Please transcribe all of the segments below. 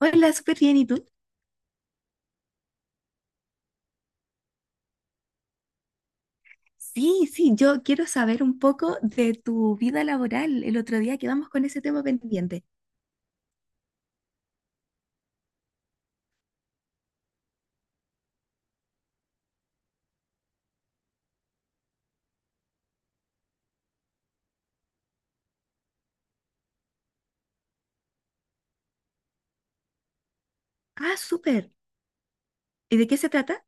Hola, súper bien. ¿Y tú? Sí, sí, yo quiero saber un poco de tu vida laboral. El otro día quedamos con ese tema pendiente. Ah, súper. ¿Y de qué se trata?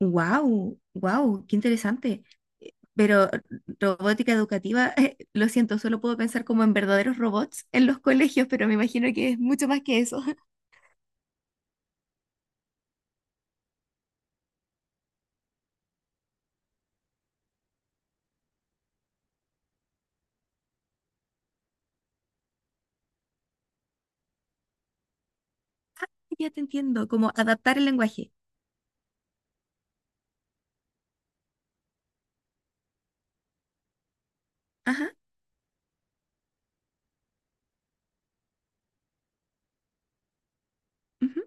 Wow, wow, qué interesante. Pero robótica educativa, lo siento, solo puedo pensar como en verdaderos robots en los colegios, pero me imagino que es mucho más que eso. Ah, ya te entiendo, como adaptar el lenguaje. Ajá, ujú.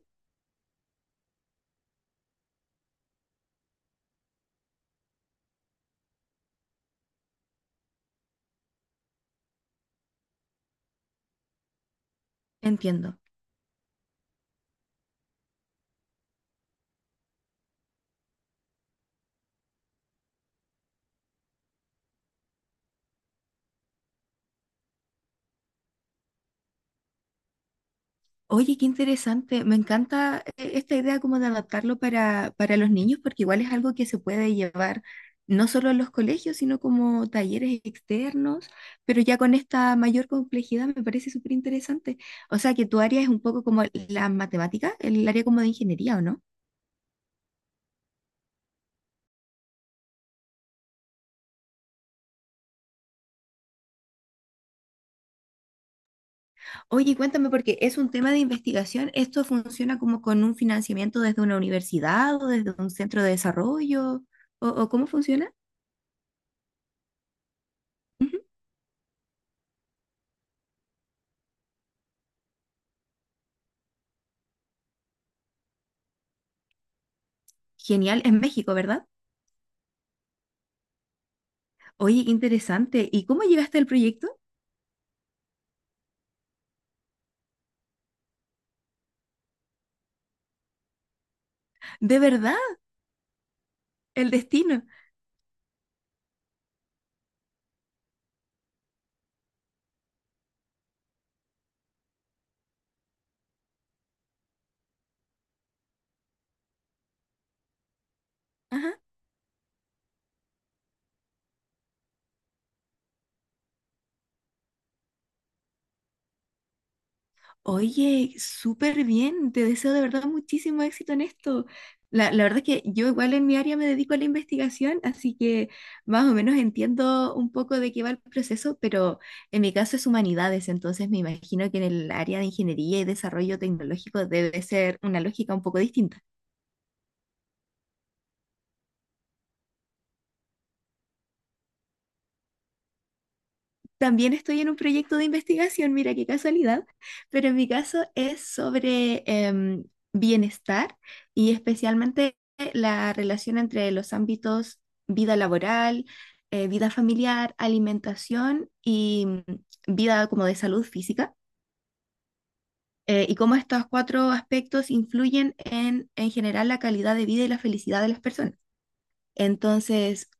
Entiendo. Oye, qué interesante. Me encanta esta idea como de adaptarlo para los niños, porque igual es algo que se puede llevar no solo a los colegios, sino como talleres externos, pero ya con esta mayor complejidad me parece súper interesante. O sea, que tu área es un poco como la matemática, el área como de ingeniería, ¿o no? Oye, cuéntame, porque es un tema de investigación, ¿esto funciona como con un financiamiento desde una universidad o desde un centro de desarrollo? O cómo funciona? Ujú. Genial, en México, ¿verdad? Oye, qué interesante. ¿Y cómo llegaste al proyecto? De verdad, el destino. Ajá. Oye, súper bien. Te deseo de verdad muchísimo éxito en esto. La verdad es que yo igual en mi área me dedico a la investigación, así que más o menos entiendo un poco de qué va el proceso, pero en mi caso es humanidades, entonces me imagino que en el área de ingeniería y desarrollo tecnológico debe ser una lógica un poco distinta. También estoy en un proyecto de investigación, mira qué casualidad, pero en mi caso es sobre bienestar y especialmente la relación entre los ámbitos vida laboral, vida familiar, alimentación y vida como de salud física, y cómo estos cuatro aspectos influyen en general la calidad de vida y la felicidad de las personas. Entonces,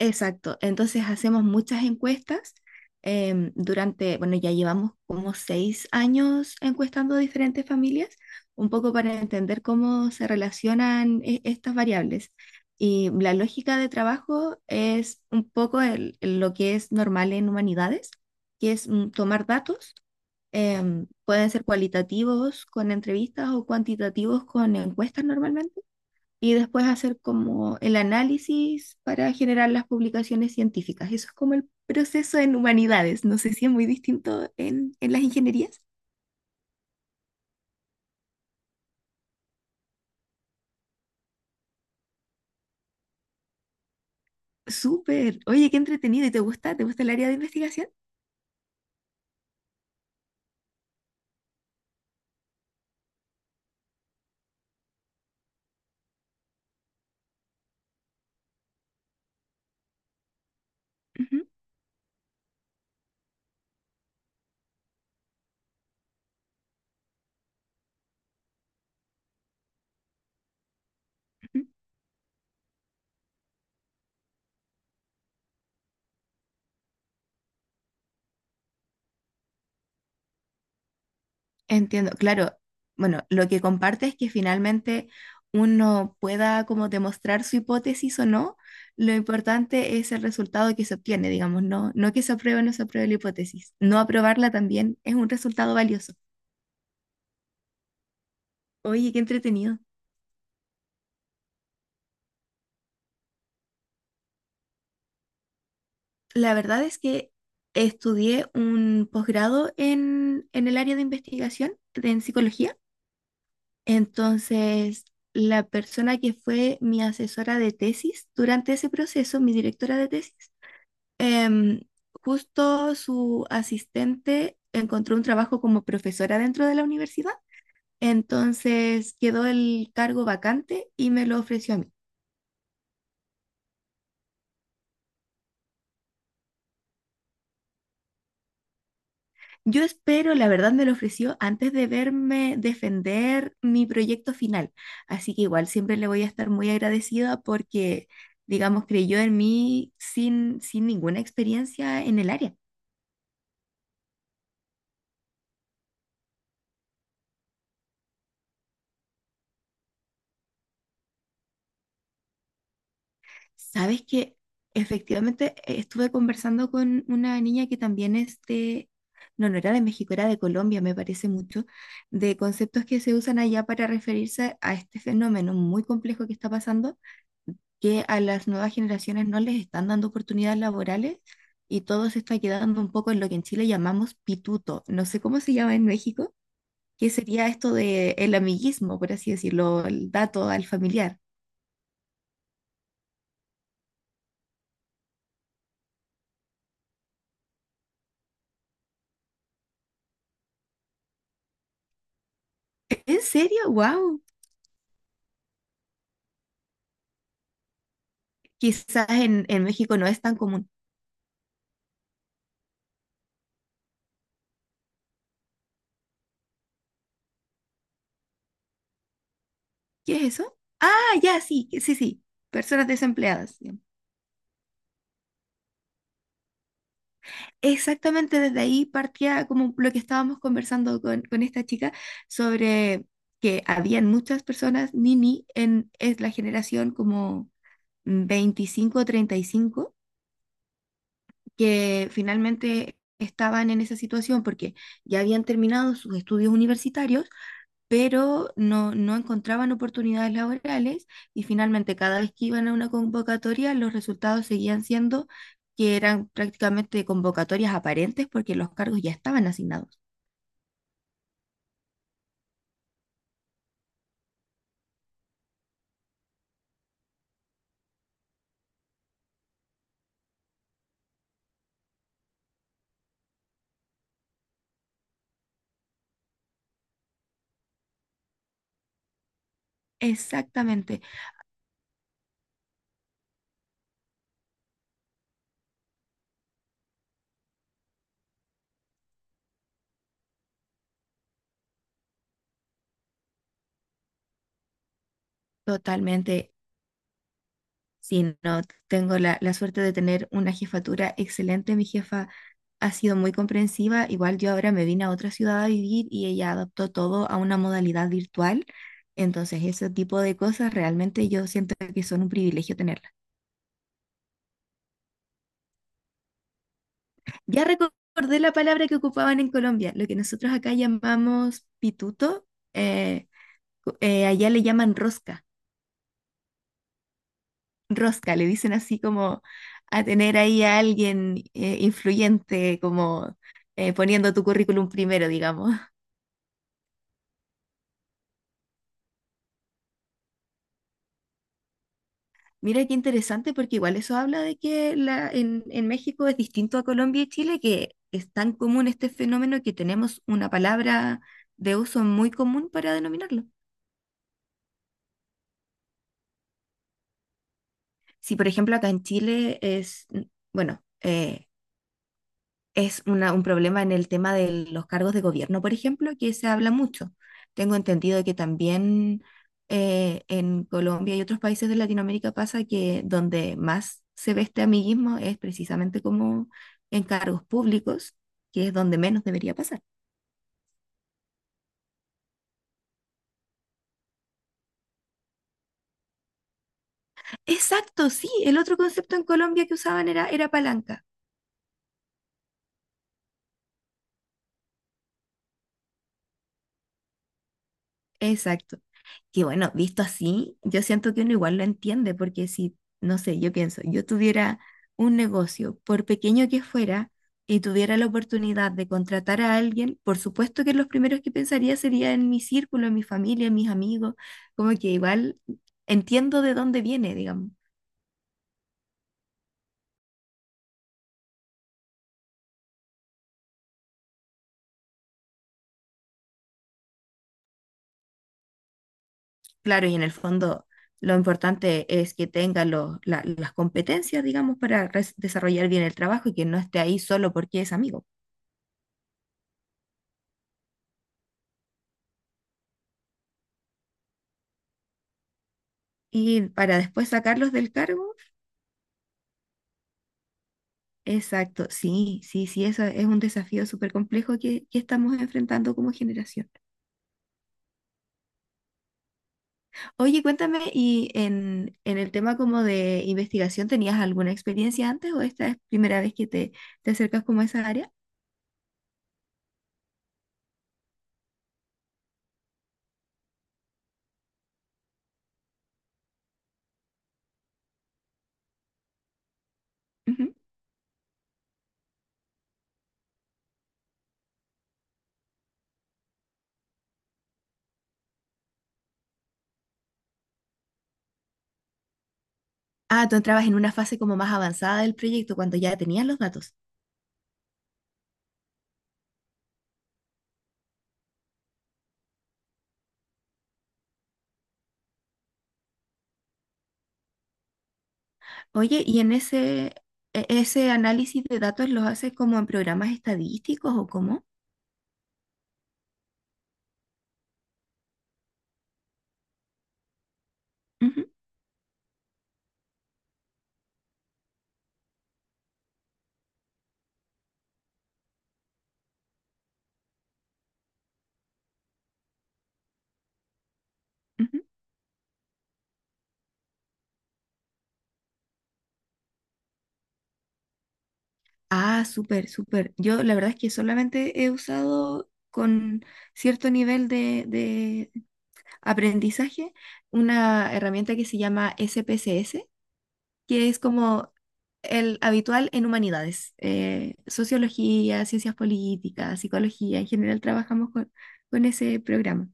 exacto, entonces hacemos muchas encuestas durante, bueno, ya llevamos como 6 años encuestando diferentes familias, un poco para entender cómo se relacionan estas variables. Y la lógica de trabajo es un poco lo que es normal en humanidades, que es tomar datos, pueden ser cualitativos con entrevistas o cuantitativos con encuestas normalmente y después hacer como el análisis para generar las publicaciones científicas. Eso es como el proceso en humanidades. No sé si es muy distinto en las ingenierías. Súper. Oye, qué entretenido. ¿Y te gusta? ¿Te gusta el área de investigación? Ujú, ujú. Entiendo. Claro. Bueno, lo que comparte es que finalmente uno pueda como demostrar su hipótesis o no. Lo importante es el resultado que se obtiene, digamos, no, no que se apruebe o no se apruebe la hipótesis. No aprobarla también es un resultado valioso. Oye, qué entretenido. La verdad es que estudié un posgrado en el área de investigación en psicología. Entonces, la persona que fue mi asesora de tesis durante ese proceso, mi directora de tesis, em, justo su asistente encontró un trabajo como profesora dentro de la universidad. Entonces, quedó el cargo vacante y me lo ofreció a mí. Yo espero, la verdad me lo ofreció antes de verme defender mi proyecto final, así que igual siempre le voy a estar muy agradecida porque, digamos, creyó en mí sin, sin ninguna experiencia en el área. Sabes que efectivamente estuve conversando con una niña que también es de, no, no era de México, era de Colombia, me parece mucho, de conceptos que se usan allá para referirse a este fenómeno muy complejo que está pasando que a las nuevas generaciones no les están dando oportunidades laborales y todo se está quedando un poco en lo que en Chile llamamos pituto. No sé cómo se llama en México, que sería esto de el amiguismo, por así decirlo, el dato al familiar. ¿En serio? ¡Wow! Quizás en México no es tan común. ¿Qué es eso? Ah, ya, sí, sí, sí. Personas desempleadas. Exactamente, desde ahí partía como lo que estábamos conversando con esta chica sobre que habían muchas personas nini en es la generación como 25 o 35 que finalmente estaban en esa situación porque ya habían terminado sus estudios universitarios pero no, no encontraban oportunidades laborales y finalmente cada vez que iban a una convocatoria los resultados seguían siendo que eran prácticamente convocatorias aparentes porque los cargos ya estaban asignados. Exactamente, totalmente. Sí, no, tengo la suerte de tener una jefatura excelente. Mi jefa ha sido muy comprensiva. Igual yo ahora me vine a otra ciudad a vivir y ella adaptó todo a una modalidad virtual. Entonces, ese tipo de cosas realmente yo siento que son un privilegio tenerlas. Ya recordé la palabra que ocupaban en Colombia, lo que nosotros acá llamamos pituto, eh, allá le llaman rosca, rosca, le dicen así como a tener ahí a alguien influyente, como poniendo tu currículum primero, digamos. Mira qué interesante, porque igual eso habla de que la, en México es distinto a Colombia y Chile, que es tan común este fenómeno que tenemos una palabra de uso muy común para denominarlo. Sí, por ejemplo, acá en Chile es, bueno, es un problema en el tema de los cargos de gobierno, por ejemplo, que se habla mucho. Tengo entendido que también en Colombia y otros países de Latinoamérica pasa que donde más se ve este amiguismo es precisamente como en cargos públicos, que es donde menos debería pasar. Exacto, sí, el otro concepto en Colombia que usaban era, era palanca. Exacto. Que bueno, visto así, yo siento que uno igual lo entiende, porque si, no sé, yo pienso, yo tuviera un negocio, por pequeño que fuera, y tuviera la oportunidad de contratar a alguien, por supuesto que los primeros que pensaría sería en mi círculo, en mi familia, en mis amigos, como que igual entiendo de dónde viene, digamos. Claro, y en el fondo lo importante es que tenga las competencias, digamos, para desarrollar bien el trabajo y que no esté ahí solo porque es amigo. Y para después sacarlos del cargo. Exacto, sí, sí, sí, eso es un desafío súper complejo que estamos enfrentando como generación. Oye, cuéntame, ¿y en el tema como de investigación tenías alguna experiencia antes o esta es primera vez que te acercas como a esa área? Ujú. Ah, tú entrabas en una fase como más avanzada del proyecto cuando ya tenías los datos. Oye, ¿y en ese, ese análisis de datos los haces como en programas estadísticos o cómo? Ujú, ujú. Ah, súper, súper. Yo la verdad es que solamente he usado con cierto nivel de aprendizaje una herramienta que se llama SPSS, que es como el habitual en humanidades, sociología, ciencias políticas, psicología. En general trabajamos con ese programa.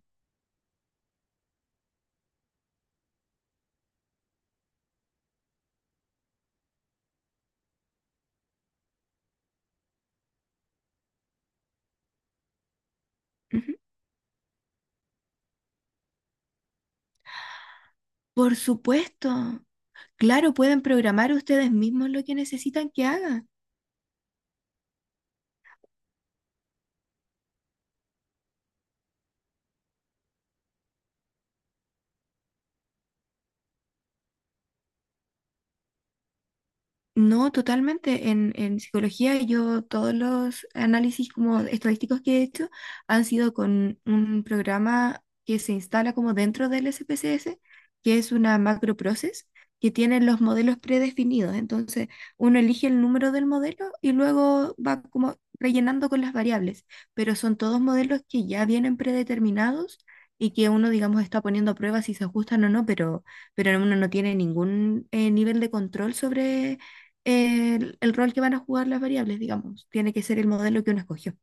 Ujú. Por supuesto. Claro, pueden programar ustedes mismos lo que necesitan que hagan. No, totalmente. En psicología yo todos los análisis como estadísticos que he hecho han sido con un programa que se instala como dentro del SPSS, que es una macro process que tiene los modelos predefinidos. Entonces uno elige el número del modelo y luego va como rellenando con las variables, pero son todos modelos que ya vienen predeterminados y que uno, digamos, está poniendo a prueba si se ajustan o no, pero uno no tiene ningún nivel de control sobre el rol que van a jugar las variables, digamos. Tiene que ser el modelo que uno escogió.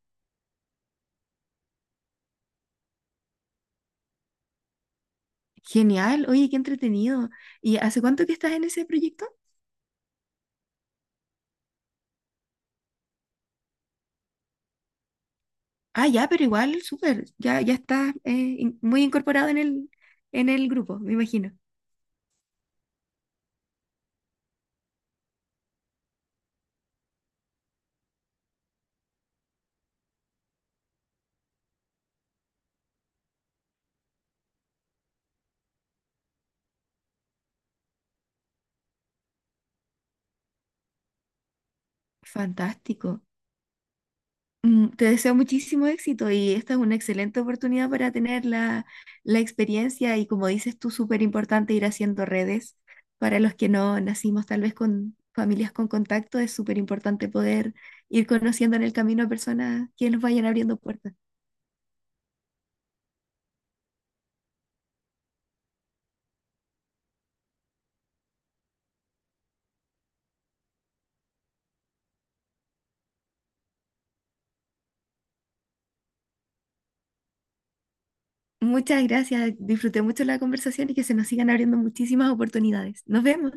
Genial, oye, qué entretenido. ¿Y hace cuánto que estás en ese proyecto? Ah, ya, pero igual, súper, ya, ya estás muy incorporado en el grupo, me imagino. Fantástico. Te deseo muchísimo éxito y esta es una excelente oportunidad para tener la, la experiencia y como dices tú, súper importante ir haciendo redes. Para los que no nacimos tal vez con familias con contacto, es súper importante poder ir conociendo en el camino a personas que nos vayan abriendo puertas. Muchas gracias, disfruté mucho la conversación y que se nos sigan abriendo muchísimas oportunidades. Nos vemos.